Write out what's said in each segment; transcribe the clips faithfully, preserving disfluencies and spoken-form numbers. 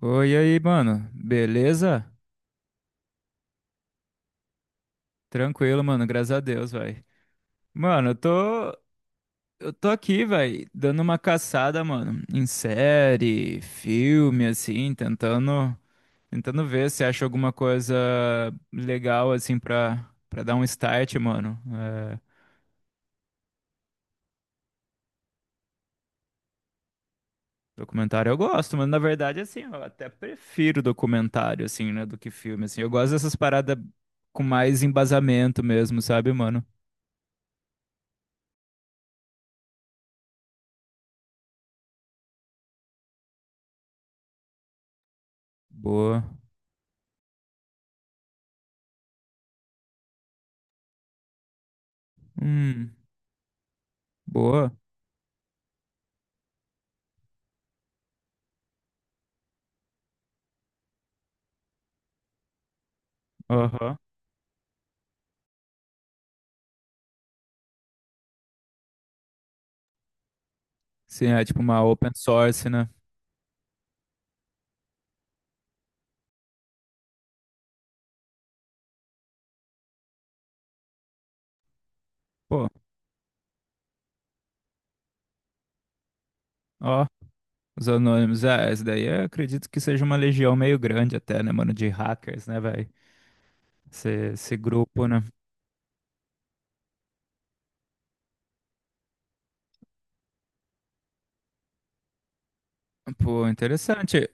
Oi, e aí, mano. Beleza? Tranquilo, mano. Graças a Deus, velho. Mano, eu tô. Eu tô aqui, velho, dando uma caçada, mano, em série, filme, assim, tentando. Tentando ver se acha alguma coisa legal, assim, pra, pra dar um start, mano. É, documentário eu gosto, mas na verdade, assim, eu até prefiro documentário, assim, né, do que filme, assim. Eu gosto dessas paradas com mais embasamento mesmo, sabe, mano? Boa. Hum, boa. Aham. Sim, é tipo uma open source, né? Pô, ó, os anônimos. É, essa daí eu acredito que seja uma legião meio grande até, né, mano, de hackers, né, velho? Esse, esse grupo, né? Pô, interessante.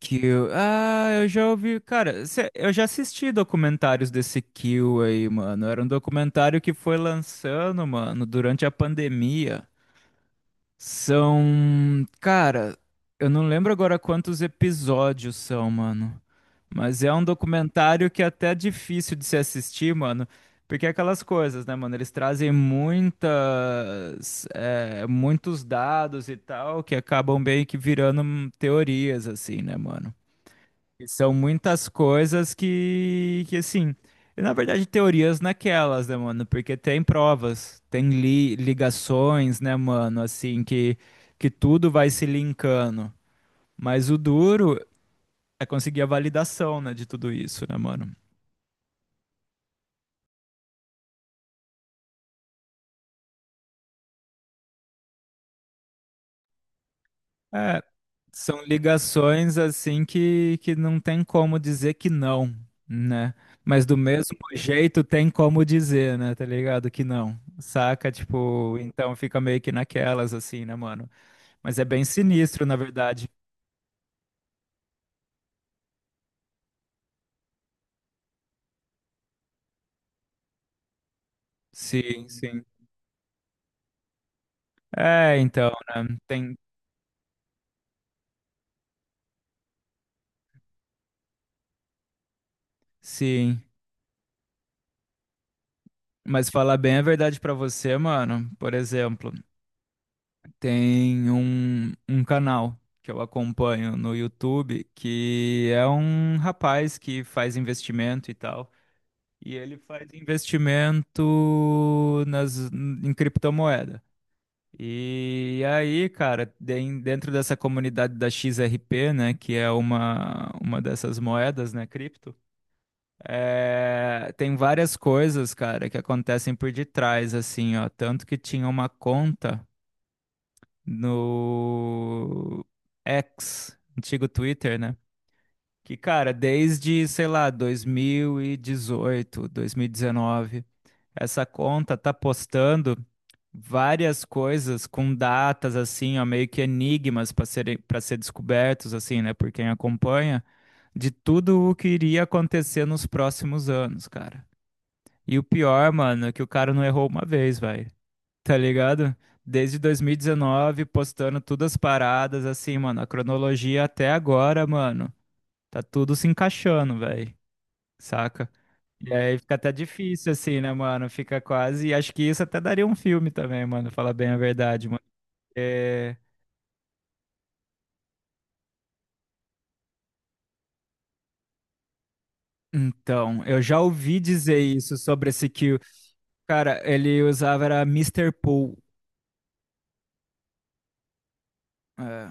Kill. Ah, eu já ouvi, cara, cê- eu já assisti documentários desse Kill aí, mano. Era um documentário que foi lançando, mano, durante a pandemia. São. Cara, eu não lembro agora quantos episódios são, mano. Mas é um documentário que é até difícil de se assistir, mano. Porque é aquelas coisas, né, mano? Eles trazem muitas. é, muitos dados e tal, que acabam meio que virando hum, teorias, assim, né, mano? E são muitas coisas que, que assim, e, na verdade, teorias naquelas, né, mano? Porque tem provas, tem li- ligações, né, mano? Assim, que, que tudo vai se linkando. Mas o duro é conseguir a validação, né, de tudo isso, né, mano? É, são ligações, assim, que, que não tem como dizer que não, né? Mas do mesmo jeito tem como dizer, né, tá ligado? Que não. Saca? Tipo, então fica meio que naquelas, assim, né, mano? Mas é bem sinistro, na verdade. Sim, sim. É, então, né? Tem, sim. Mas falar bem a verdade pra você, mano. Por exemplo, tem um, um canal que eu acompanho no YouTube que é um rapaz que faz investimento e tal. E ele faz investimento nas, em criptomoeda. E aí, cara, den- dentro dessa comunidade da X R P, né, que é uma, uma dessas moedas, né, cripto, é, tem várias coisas, cara, que acontecem por detrás, assim, ó. Tanto que tinha uma conta no X, antigo Twitter, né? Que, cara, desde, sei lá, dois dois mil mil e dezoito, dois mil e dezenove, essa conta tá postando várias coisas com datas, assim, ó, meio que enigmas para serem, para ser descobertos, assim, né, por quem acompanha, de tudo o que iria acontecer nos próximos anos, cara. E o pior, mano, é que o cara não errou uma vez, vai. Tá ligado? Desde dois mil e dezenove, postando todas as paradas, assim, mano, a cronologia até agora, mano. Tá tudo se encaixando, velho. Saca? E aí fica até difícil, assim, né, mano? Fica quase. E acho que isso até daria um filme também, mano. Falar bem a verdade, mano. É. Então, eu já ouvi dizer isso sobre esse que o cara, ele usava era Mister Pool. é,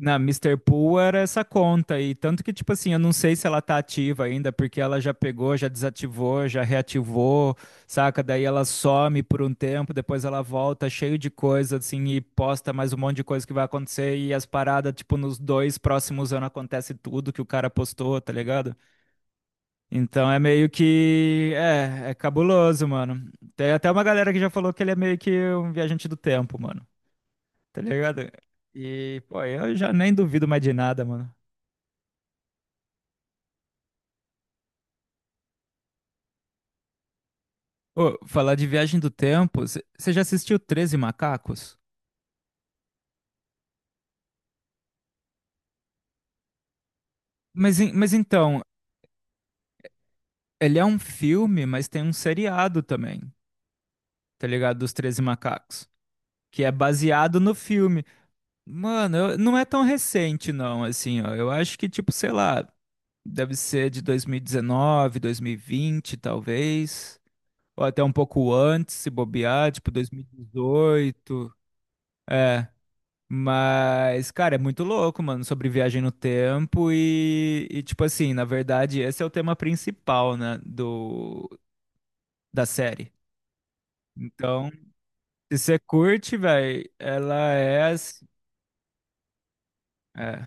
Na Mister Pool era essa conta e tanto que tipo assim, eu não sei se ela tá ativa ainda, porque ela já pegou, já desativou, já reativou, saca? Daí ela some por um tempo, depois ela volta cheio de coisa assim e posta mais um monte de coisa que vai acontecer e as paradas tipo nos dois próximos anos acontece tudo que o cara postou, tá ligado? Então é meio que é, é cabuloso, mano. Tem até uma galera que já falou que ele é meio que um viajante do tempo, mano. Tá ligado? E, pô, eu já nem duvido mais de nada, mano. Ô, falar de Viagem do Tempo, você já assistiu Treze Macacos? Mas, en- mas então, ele é um filme, mas tem um seriado também, tá ligado? Dos Treze Macacos, que é baseado no filme. Mano, eu- não é tão recente, não, assim, ó. Eu acho que, tipo, sei lá, deve ser de dois mil e dezenove, dois mil e vinte, talvez. Ou até um pouco antes, se bobear, tipo, dois mil e dezoito. Mas, cara, é muito louco, mano, sobre viagem no tempo e, e, tipo assim, na verdade, esse é o tema principal, né, do, da série. Então, se você curte, velho, ela é, as- é.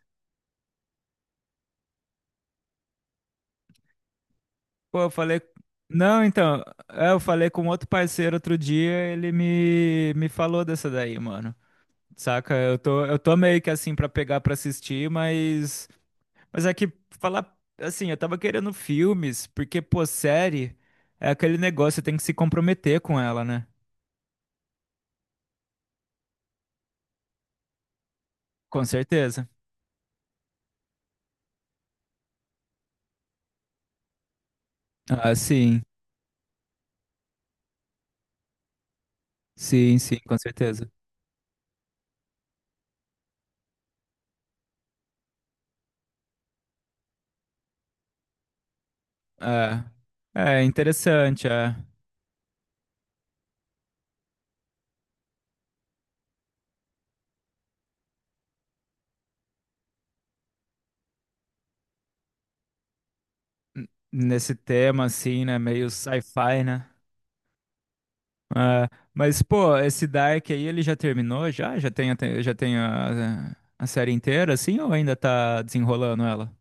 Pô, eu falei. Não, então, é, eu falei com outro parceiro outro dia, ele me, me falou dessa daí, mano. Saca? Eu tô, eu tô meio que assim pra pegar pra assistir, mas. Mas é que falar assim, eu tava querendo filmes, porque, pô, série é aquele negócio, você tem que se comprometer com ela, né? Com certeza. Ah, sim. Sim, sim, com certeza. É, é interessante, é. N- Nesse tema, assim, né? Meio sci-fi, né? É, mas, pô, esse Dark aí, ele já terminou? Já? Já tem, a- te- já tem a, a série inteira, assim, ou ainda tá desenrolando ela?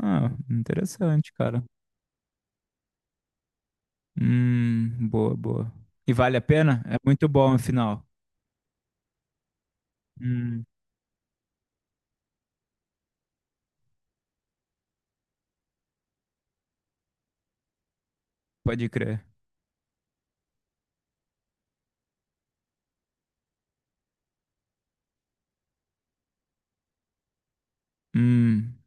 Ah, interessante, cara. Hum, boa, boa. E vale a pena? É muito bom, afinal. Hum, pode crer. Hum,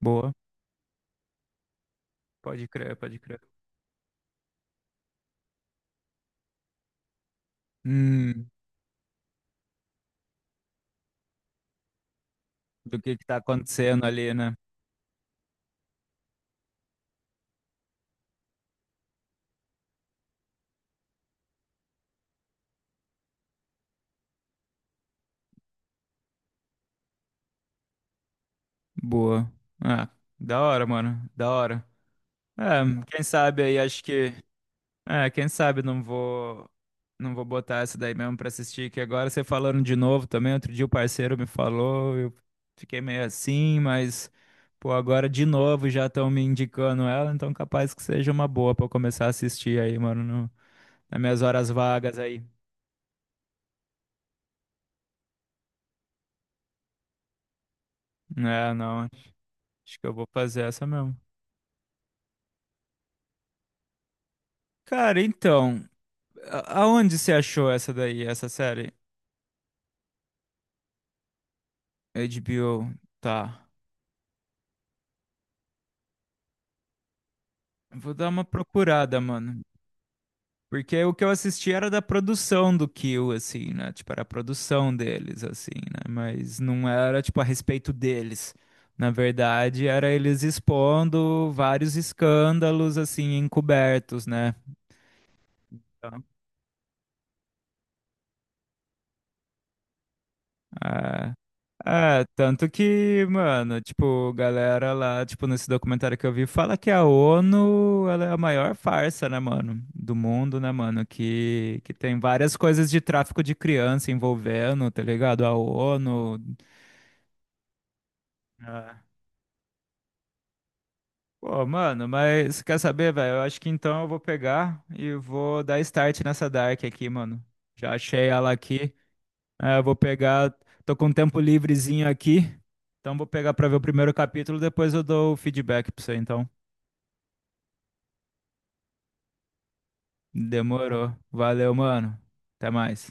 boa. Pode crer, pode crer. Hum, do que que tá acontecendo ali, né? Boa. Ah, da hora, mano. Da hora. É, quem sabe aí, acho que é, quem sabe não vou não vou botar essa daí mesmo pra assistir, que agora você falando de novo também, outro dia o parceiro me falou, eu fiquei meio assim, mas pô, agora de novo já estão me indicando ela, então capaz que seja uma boa pra eu começar a assistir aí, mano, no- nas minhas horas vagas aí. É, não, acho que eu vou fazer essa mesmo. Cara, então, a- aonde você achou essa daí, essa série? H B O, tá. Vou dar uma procurada, mano. Porque o que eu assisti era da produção do Kill, assim, né? Tipo, era a produção deles, assim, né? Mas não era, tipo, a respeito deles. Na verdade, era eles expondo vários escândalos, assim, encobertos, né? Então, ah, é, tanto que, mano, tipo, galera lá, tipo, nesse documentário que eu vi, fala que a ONU, ela é a maior farsa, né, mano? Do mundo, né, mano? Que, que tem várias coisas de tráfico de criança envolvendo, tá ligado? A ONU, é. Pô, mano, mas quer saber, velho? Eu acho que então eu vou pegar e vou dar start nessa Dark aqui, mano. Já achei ela aqui. É, eu vou pegar. Tô com um tempo livrezinho aqui. Então vou pegar pra ver o primeiro capítulo, depois eu dou o feedback pra você, então. Demorou. Valeu, mano. Até mais.